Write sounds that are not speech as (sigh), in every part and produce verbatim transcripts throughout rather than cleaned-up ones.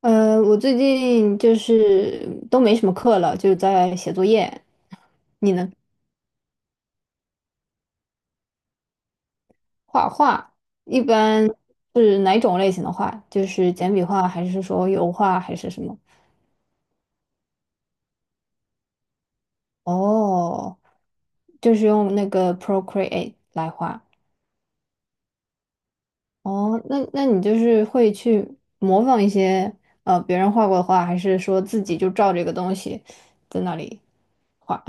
呃，我最近就是都没什么课了，就是在写作业。你呢？画画一般是哪种类型的画？就是简笔画，还是说油画，还是什么？哦，就是用那个 Procreate 来画。哦，那那你就是会去模仿一些呃别人画过的画，还是说自己就照这个东西在那里画？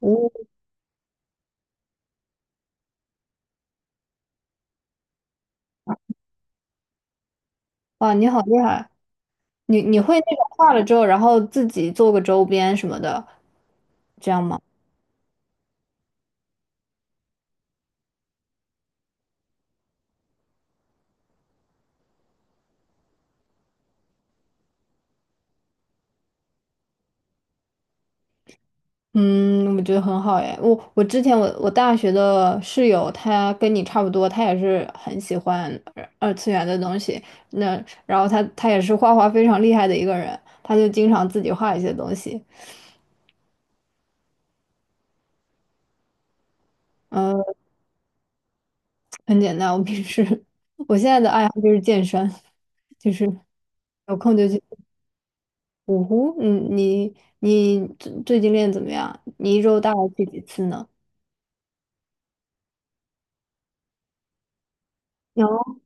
哦，哇，你好厉害！你你会那个画了之后，然后自己做个周边什么的，这样吗？嗯，我觉得很好耶。我我之前我我大学的室友，他跟你差不多，他也是很喜欢二二次元的东西。那然后他他也是画画非常厉害的一个人，他就经常自己画一些东西。呃，很简单。我平时 (laughs) 我现在的爱好就是健身，就是有空就去。呜呼，嗯，你你最最近练得怎么样？你一周大概去几次呢？有，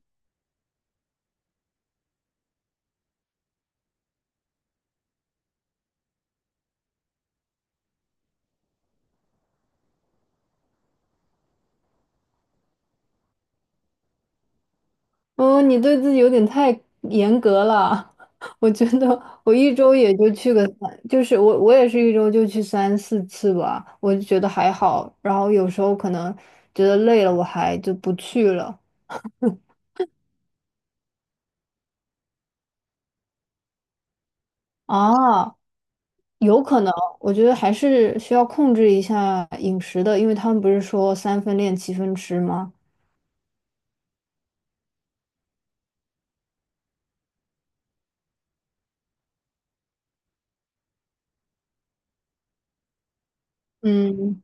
嗯，你对自己有点太严格了。(laughs) 我觉得我一周也就去个三，就是我我也是一周就去三四次吧，我就觉得还好。然后有时候可能觉得累了，我还就不去了。啊，有可能，我觉得还是需要控制一下饮食的，因为他们不是说三分练七分吃吗？嗯，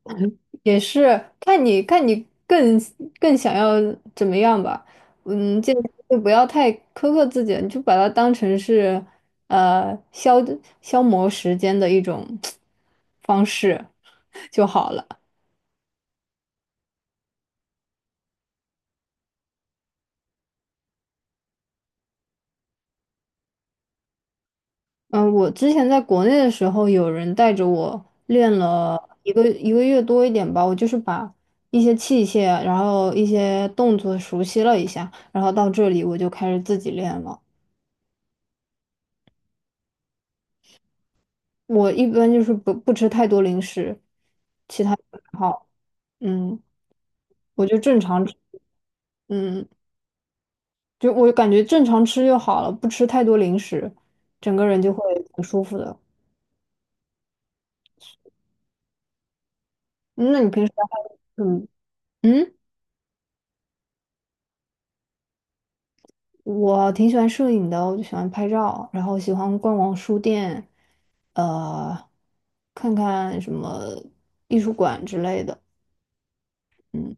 也是看你看你更更想要怎么样吧，嗯，这就不要太苛刻自己了你就把它当成是呃消消磨时间的一种方式就好了。嗯、我之前在国内的时候，有人带着我练了一个一个月多一点吧，我就是把一些器械，然后一些动作熟悉了一下，然后到这里我就开始自己练了。我一般就是不不吃太多零食，其他不太好，嗯，我就正常吃，嗯，就我感觉正常吃就好了，不吃太多零食，整个人就会挺舒服的。嗯那你平时还。嗯嗯，我挺喜欢摄影的，我就喜欢拍照，然后喜欢逛逛书店，呃，看看什么艺术馆之类的，嗯，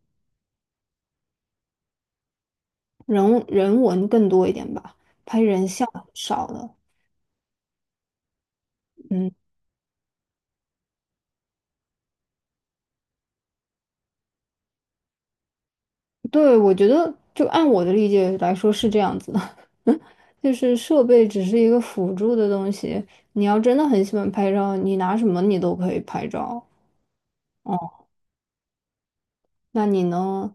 人人文更多一点吧，拍人像很少的。嗯。对，我觉得就按我的理解来说是这样子的，(laughs) 就是设备只是一个辅助的东西。你要真的很喜欢拍照，你拿什么你都可以拍照。哦，那你呢？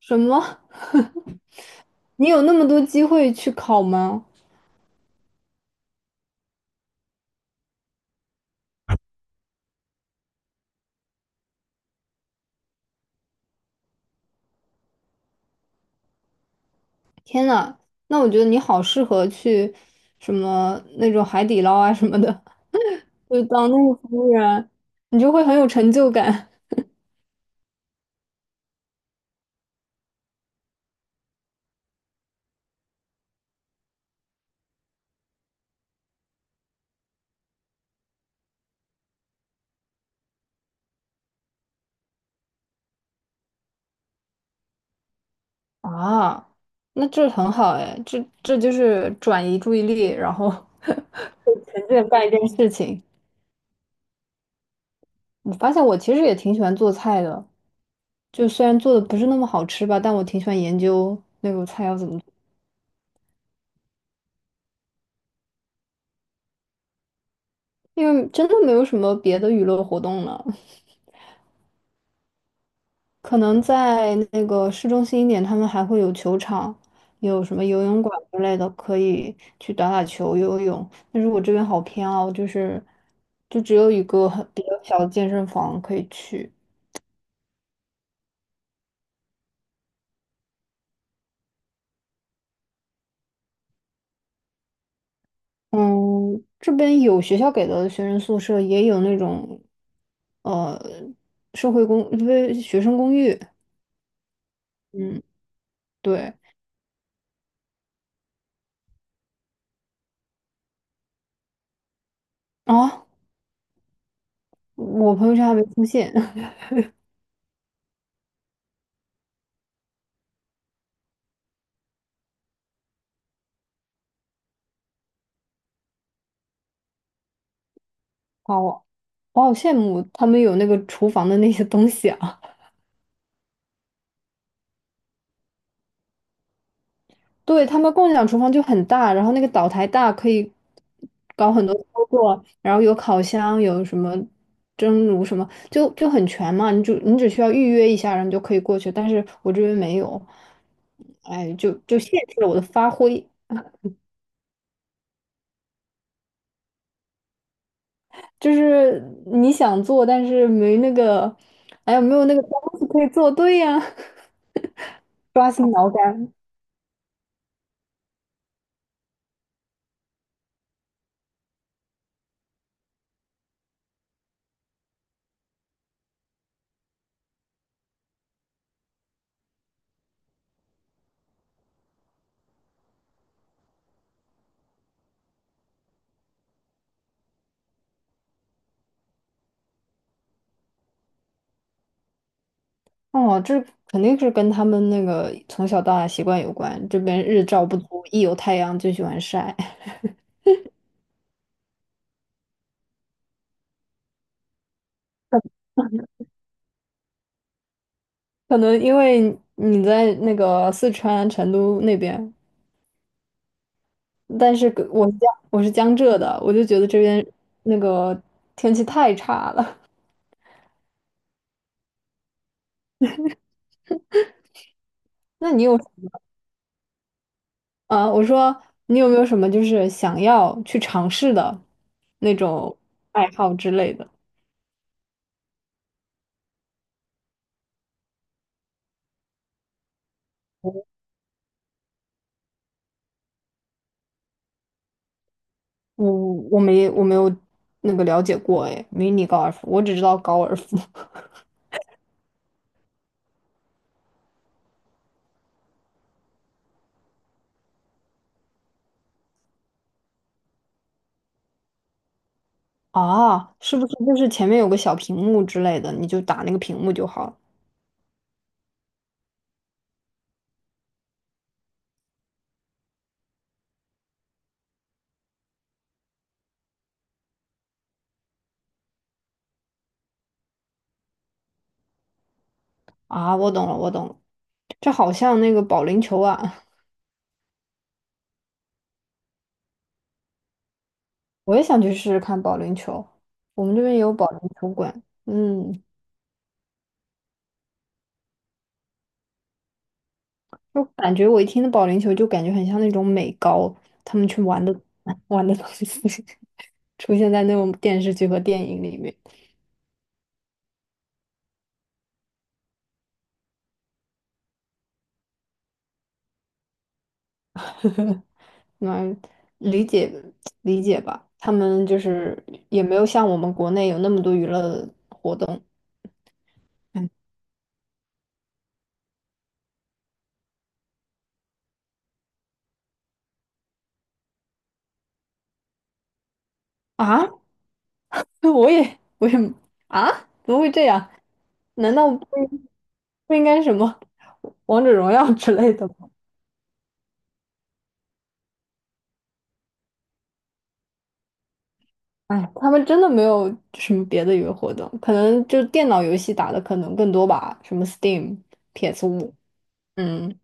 什么？(laughs) 你有那么多机会去考吗？天呐，那我觉得你好适合去什么那种海底捞啊什么的，(laughs) 就当那个服务员，你就会很有成就感。啊，那这很好哎，这这就是转移注意力，然后 (laughs) 沉浸干一件事情。我发现我其实也挺喜欢做菜的，就虽然做的不是那么好吃吧，但我挺喜欢研究那个菜要怎么做，因为真的没有什么别的娱乐活动了。可能在那个市中心一点，他们还会有球场，有什么游泳馆之类的，可以去打打球、游泳。但是我这边好偏哦，就是就只有一个很比较小的健身房可以去。嗯，这边有学校给的学生宿舍，也有那种，呃，社会公，不是学生公寓。嗯，对。啊，我朋友圈还没出现，(laughs) 好，我我好羡慕他们有那个厨房的那些东西啊。对，他们共享厨房就很大，然后那个岛台大，可以搞很多操作，然后有烤箱，有什么蒸炉什么，就就很全嘛。你就你只需要预约一下，然后你就可以过去。但是我这边没有，哎，就就限制了我的发挥。就是你想做，但是没那个，哎呀，没有那个东西可以做对呀，(laughs) 抓心挠肝。哦，这肯定是跟他们那个从小到大习惯有关。这边日照不足，一有太阳就喜欢晒。可能因为你在那个四川成都那边，但是跟我是江我是江浙的，我就觉得这边那个天气太差了。(laughs) 那你有啊？我说你有没有什么就是想要去尝试的那种爱好之类的？我我没我没有那个了解过哎，迷你高尔夫，我只知道高尔夫 (laughs) 啊，是不是就是前面有个小屏幕之类的，你就打那个屏幕就好了？啊，我懂了，我懂了，这好像那个保龄球啊，我也想去试试看保龄球。我们这边也有保龄球馆，嗯，就感觉我一听到保龄球，就感觉很像那种美高他们去玩的 (laughs) 玩的东西，(laughs) 出现在那种电视剧和电影里面。(laughs) 嗯，理解理解吧，他们就是也没有像我们国内有那么多娱乐活动。嗯啊，(laughs) 我也我也啊，怎么会这样？难道不？不应该什么王者荣耀之类的吗？哎，他们真的没有什么别的娱乐活动，可能就电脑游戏打的可能更多吧，什么 Steam、p s 五，嗯，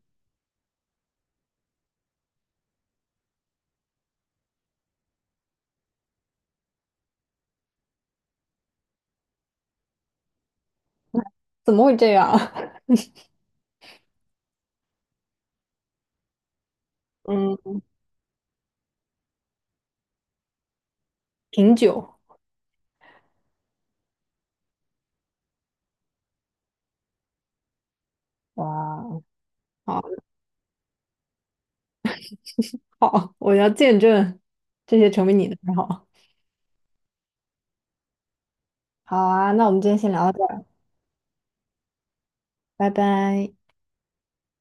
怎么会这样？(laughs) 嗯，品酒，哇哦，好，好，我要见证这些成为你的爱好。好啊，那我们今天先聊到这儿，拜拜。